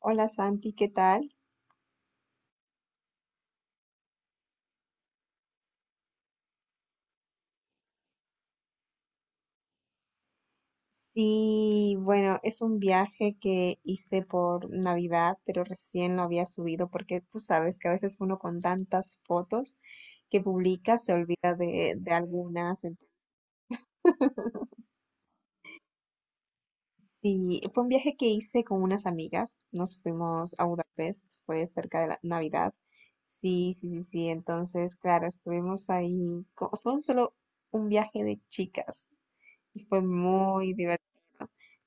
Hola Santi, ¿qué tal? Sí, bueno, es un viaje que hice por Navidad, pero recién lo había subido porque tú sabes que a veces uno con tantas fotos que publica se olvida de algunas. Sí, fue un viaje que hice con unas amigas, nos fuimos a Budapest, fue cerca de la Navidad. Sí, sí, sí, sí, entonces, claro, estuvimos ahí, fue un solo un viaje de chicas. Y fue muy divertido.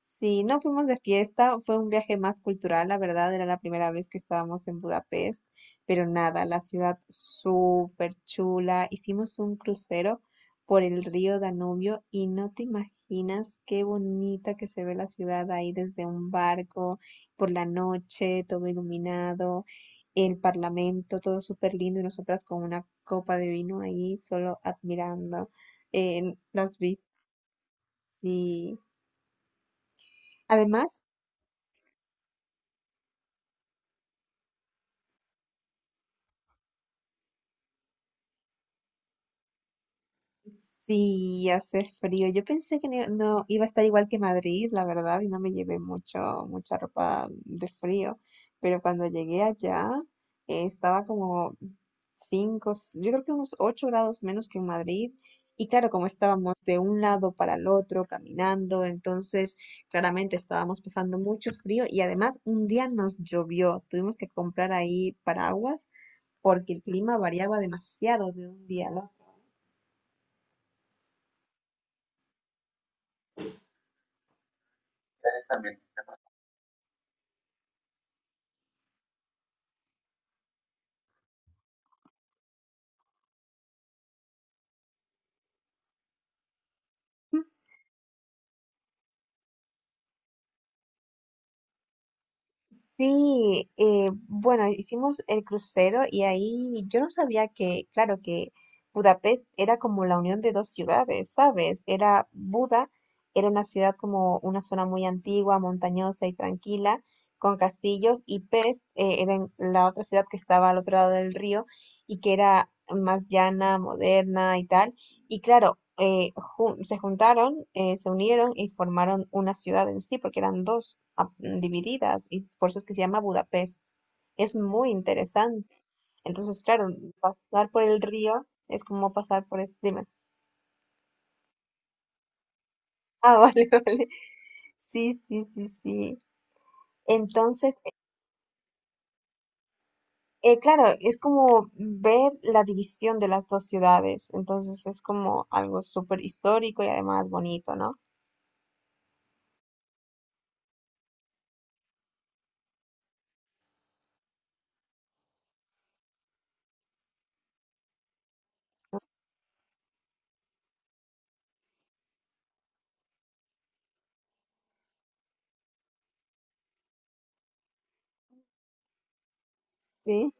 Sí, no fuimos de fiesta, fue un viaje más cultural, la verdad, era la primera vez que estábamos en Budapest, pero nada, la ciudad súper chula. Hicimos un crucero por el río Danubio y no te imaginas qué bonita que se ve la ciudad ahí desde un barco, por la noche, todo iluminado, el parlamento, todo súper lindo y nosotras con una copa de vino ahí, solo admirando las vistas. Sí. Además, sí hace frío. Yo pensé que no, no iba a estar igual que Madrid, la verdad, y no me llevé mucha ropa de frío. Pero cuando llegué allá, estaba como yo creo que unos 8 grados menos que en Madrid. Y claro, como estábamos de un lado para el otro caminando, entonces claramente estábamos pasando mucho frío y además un día nos llovió. Tuvimos que comprar ahí paraguas porque el clima variaba demasiado de un día al también. Sí, bueno, hicimos el crucero y ahí yo no sabía que, claro, que Budapest era como la unión de dos ciudades, ¿sabes? Era Buda, era una ciudad como una zona muy antigua, montañosa y tranquila, con castillos, y Pest, era en la otra ciudad que estaba al otro lado del río y que era más llana, moderna y tal. Y claro, se juntaron, se unieron y formaron una ciudad en sí, porque eran dos divididas, y por eso es que se llama Budapest. Es muy interesante. Entonces, claro, pasar por el río es como pasar por este... dime. Ah, vale, vale. Sí, sí, sí, sí. Entonces, claro, es como ver la división de las dos ciudades. Entonces, es como algo súper histórico y además bonito, ¿no? Sí.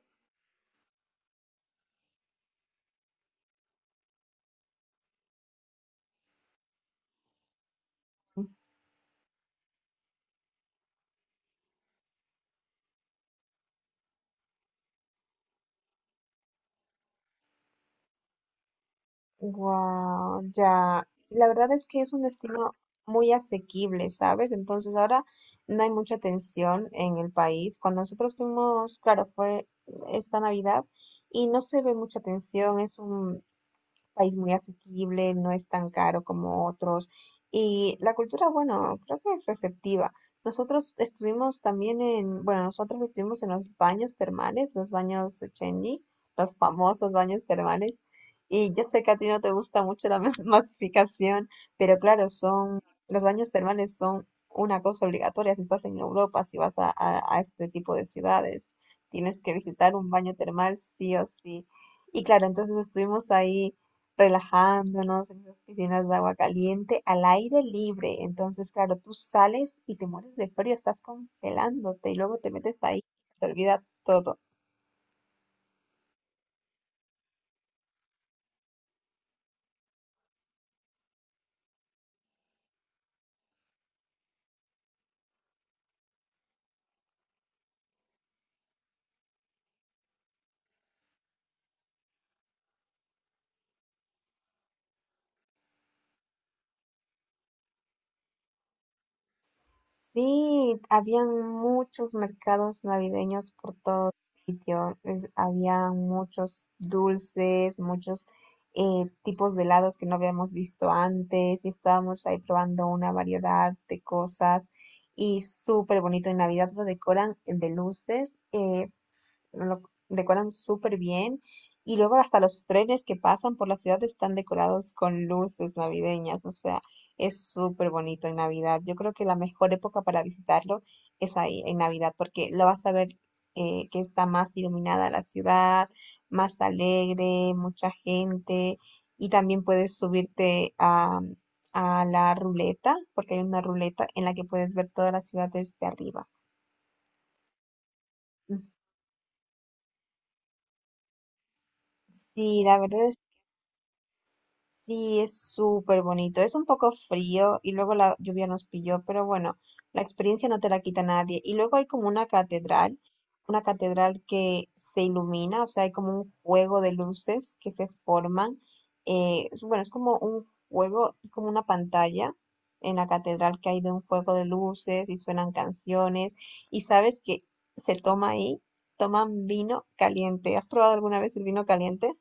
Wow, ya. La verdad es que es un destino muy asequible, ¿sabes? Entonces ahora no hay mucha tensión en el país. Cuando nosotros fuimos, claro, fue esta Navidad y no se ve mucha tensión, es un país muy asequible, no es tan caro como otros. Y la cultura, bueno, creo que es receptiva. Nosotros estuvimos también en, bueno, nosotras estuvimos en los baños termales, los baños de Chendi, los famosos baños termales. Y yo sé que a ti no te gusta mucho la masificación, pero claro, son, los baños termales son una cosa obligatoria si estás en Europa, si vas a, a este tipo de ciudades. Tienes que visitar un baño termal sí o sí. Y claro, entonces estuvimos ahí relajándonos en esas piscinas de agua caliente, al aire libre. Entonces, claro, tú sales y te mueres de frío, estás congelándote y luego te metes ahí, te olvida todo. Sí, habían muchos mercados navideños por todo sitio, había muchos dulces, muchos tipos de helados que no habíamos visto antes y estábamos ahí probando una variedad de cosas y súper bonito. En Navidad lo decoran de luces, lo decoran súper bien. Y luego hasta los trenes que pasan por la ciudad están decorados con luces navideñas. O sea, es súper bonito en Navidad. Yo creo que la mejor época para visitarlo es ahí, en Navidad, porque lo vas a ver que está más iluminada la ciudad, más alegre, mucha gente. Y también puedes subirte a la ruleta, porque hay una ruleta en la que puedes ver toda la ciudad desde arriba. Ujú. Sí, la verdad. Sí, es súper bonito. Es un poco frío y luego la lluvia nos pilló, pero bueno, la experiencia no te la quita nadie. Y luego hay como una catedral que se ilumina, o sea, hay como un juego de luces que se forman. Bueno, es como un juego, es como una pantalla en la catedral que hay de un juego de luces y suenan canciones. Y sabes que se toma ahí, toman vino caliente. ¿Has probado alguna vez el vino caliente?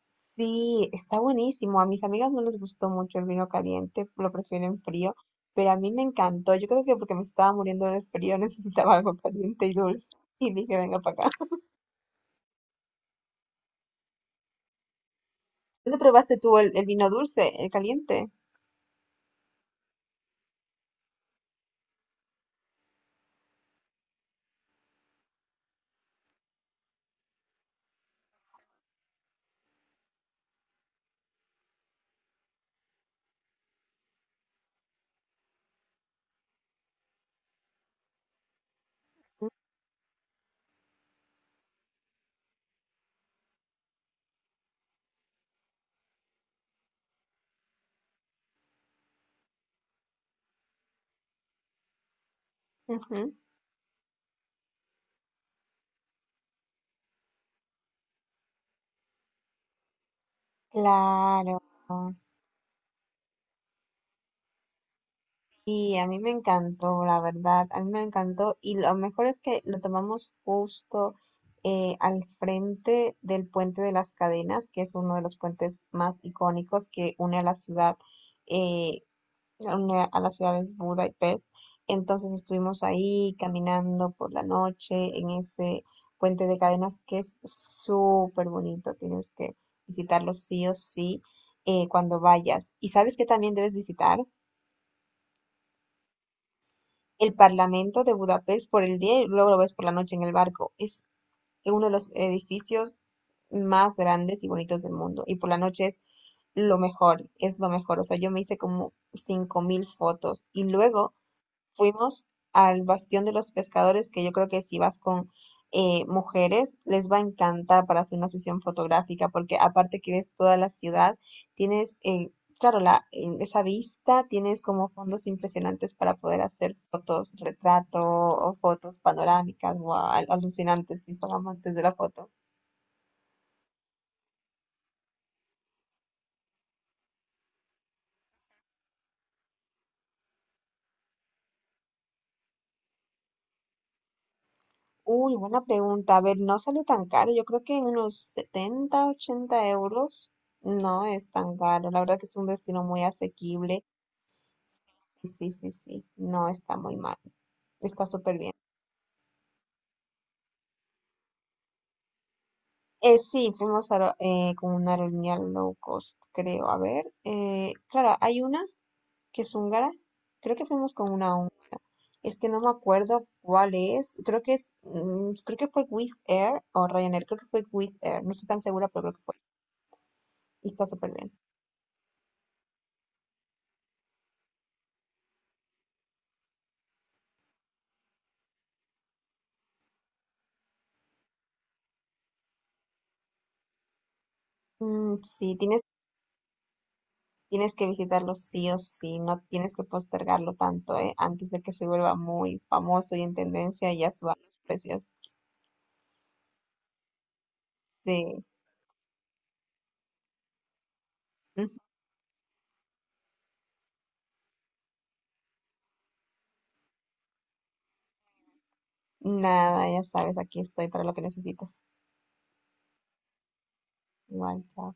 Sí, está buenísimo. A mis amigas no les gustó mucho el vino caliente, lo prefieren frío, pero a mí me encantó. Yo creo que porque me estaba muriendo de frío necesitaba algo caliente y dulce. Y dije, venga para acá. ¿Dónde probaste tú el vino dulce, el caliente? Ujú. Claro. Y a mí me encantó, la verdad, a mí me encantó. Y lo mejor es que lo tomamos justo al frente del Puente de las Cadenas, que es uno de los puentes más icónicos que une a la ciudad, eh, une a las ciudades Budapest. Entonces estuvimos ahí caminando por la noche en ese Puente de Cadenas que es súper bonito. Tienes que visitarlo sí o sí cuando vayas. ¿Y sabes qué también debes visitar? El Parlamento de Budapest por el día y luego lo ves por la noche en el barco. Es uno de los edificios más grandes y bonitos del mundo. Y por la noche es lo mejor, es lo mejor. O sea, yo me hice como 5.000 fotos. Y luego fuimos al Bastión de los Pescadores, que yo creo que si vas con mujeres, les va a encantar para hacer una sesión fotográfica, porque aparte que ves toda la ciudad, tienes, claro, esa vista, tienes como fondos impresionantes para poder hacer fotos, retrato o fotos panorámicas, guau, alucinantes si son amantes de la foto. Uy, buena pregunta. A ver, no salió tan caro. Yo creo que en unos 70 u 80 euros no es tan caro. La verdad que es un destino muy asequible. Sí, sí, sí, sí, no está muy mal, está súper bien. Sí, fuimos a, con una aerolínea low cost, creo. A ver, claro, hay una que es húngara, creo que fuimos con una húngara, es que no me acuerdo cuál es, creo que es, creo que fue Wizz Air o Ryanair, creo que fue Wizz Air, no estoy tan segura, pero creo que fue, y está súper bien. Mm, sí, Tienes que visitarlo sí o sí, no tienes que postergarlo tanto, ¿eh? Antes de que se vuelva muy famoso y en tendencia y ya suba los precios. Sí. Ujú. Nada, ya sabes, aquí estoy para lo que necesites. Igual, chao.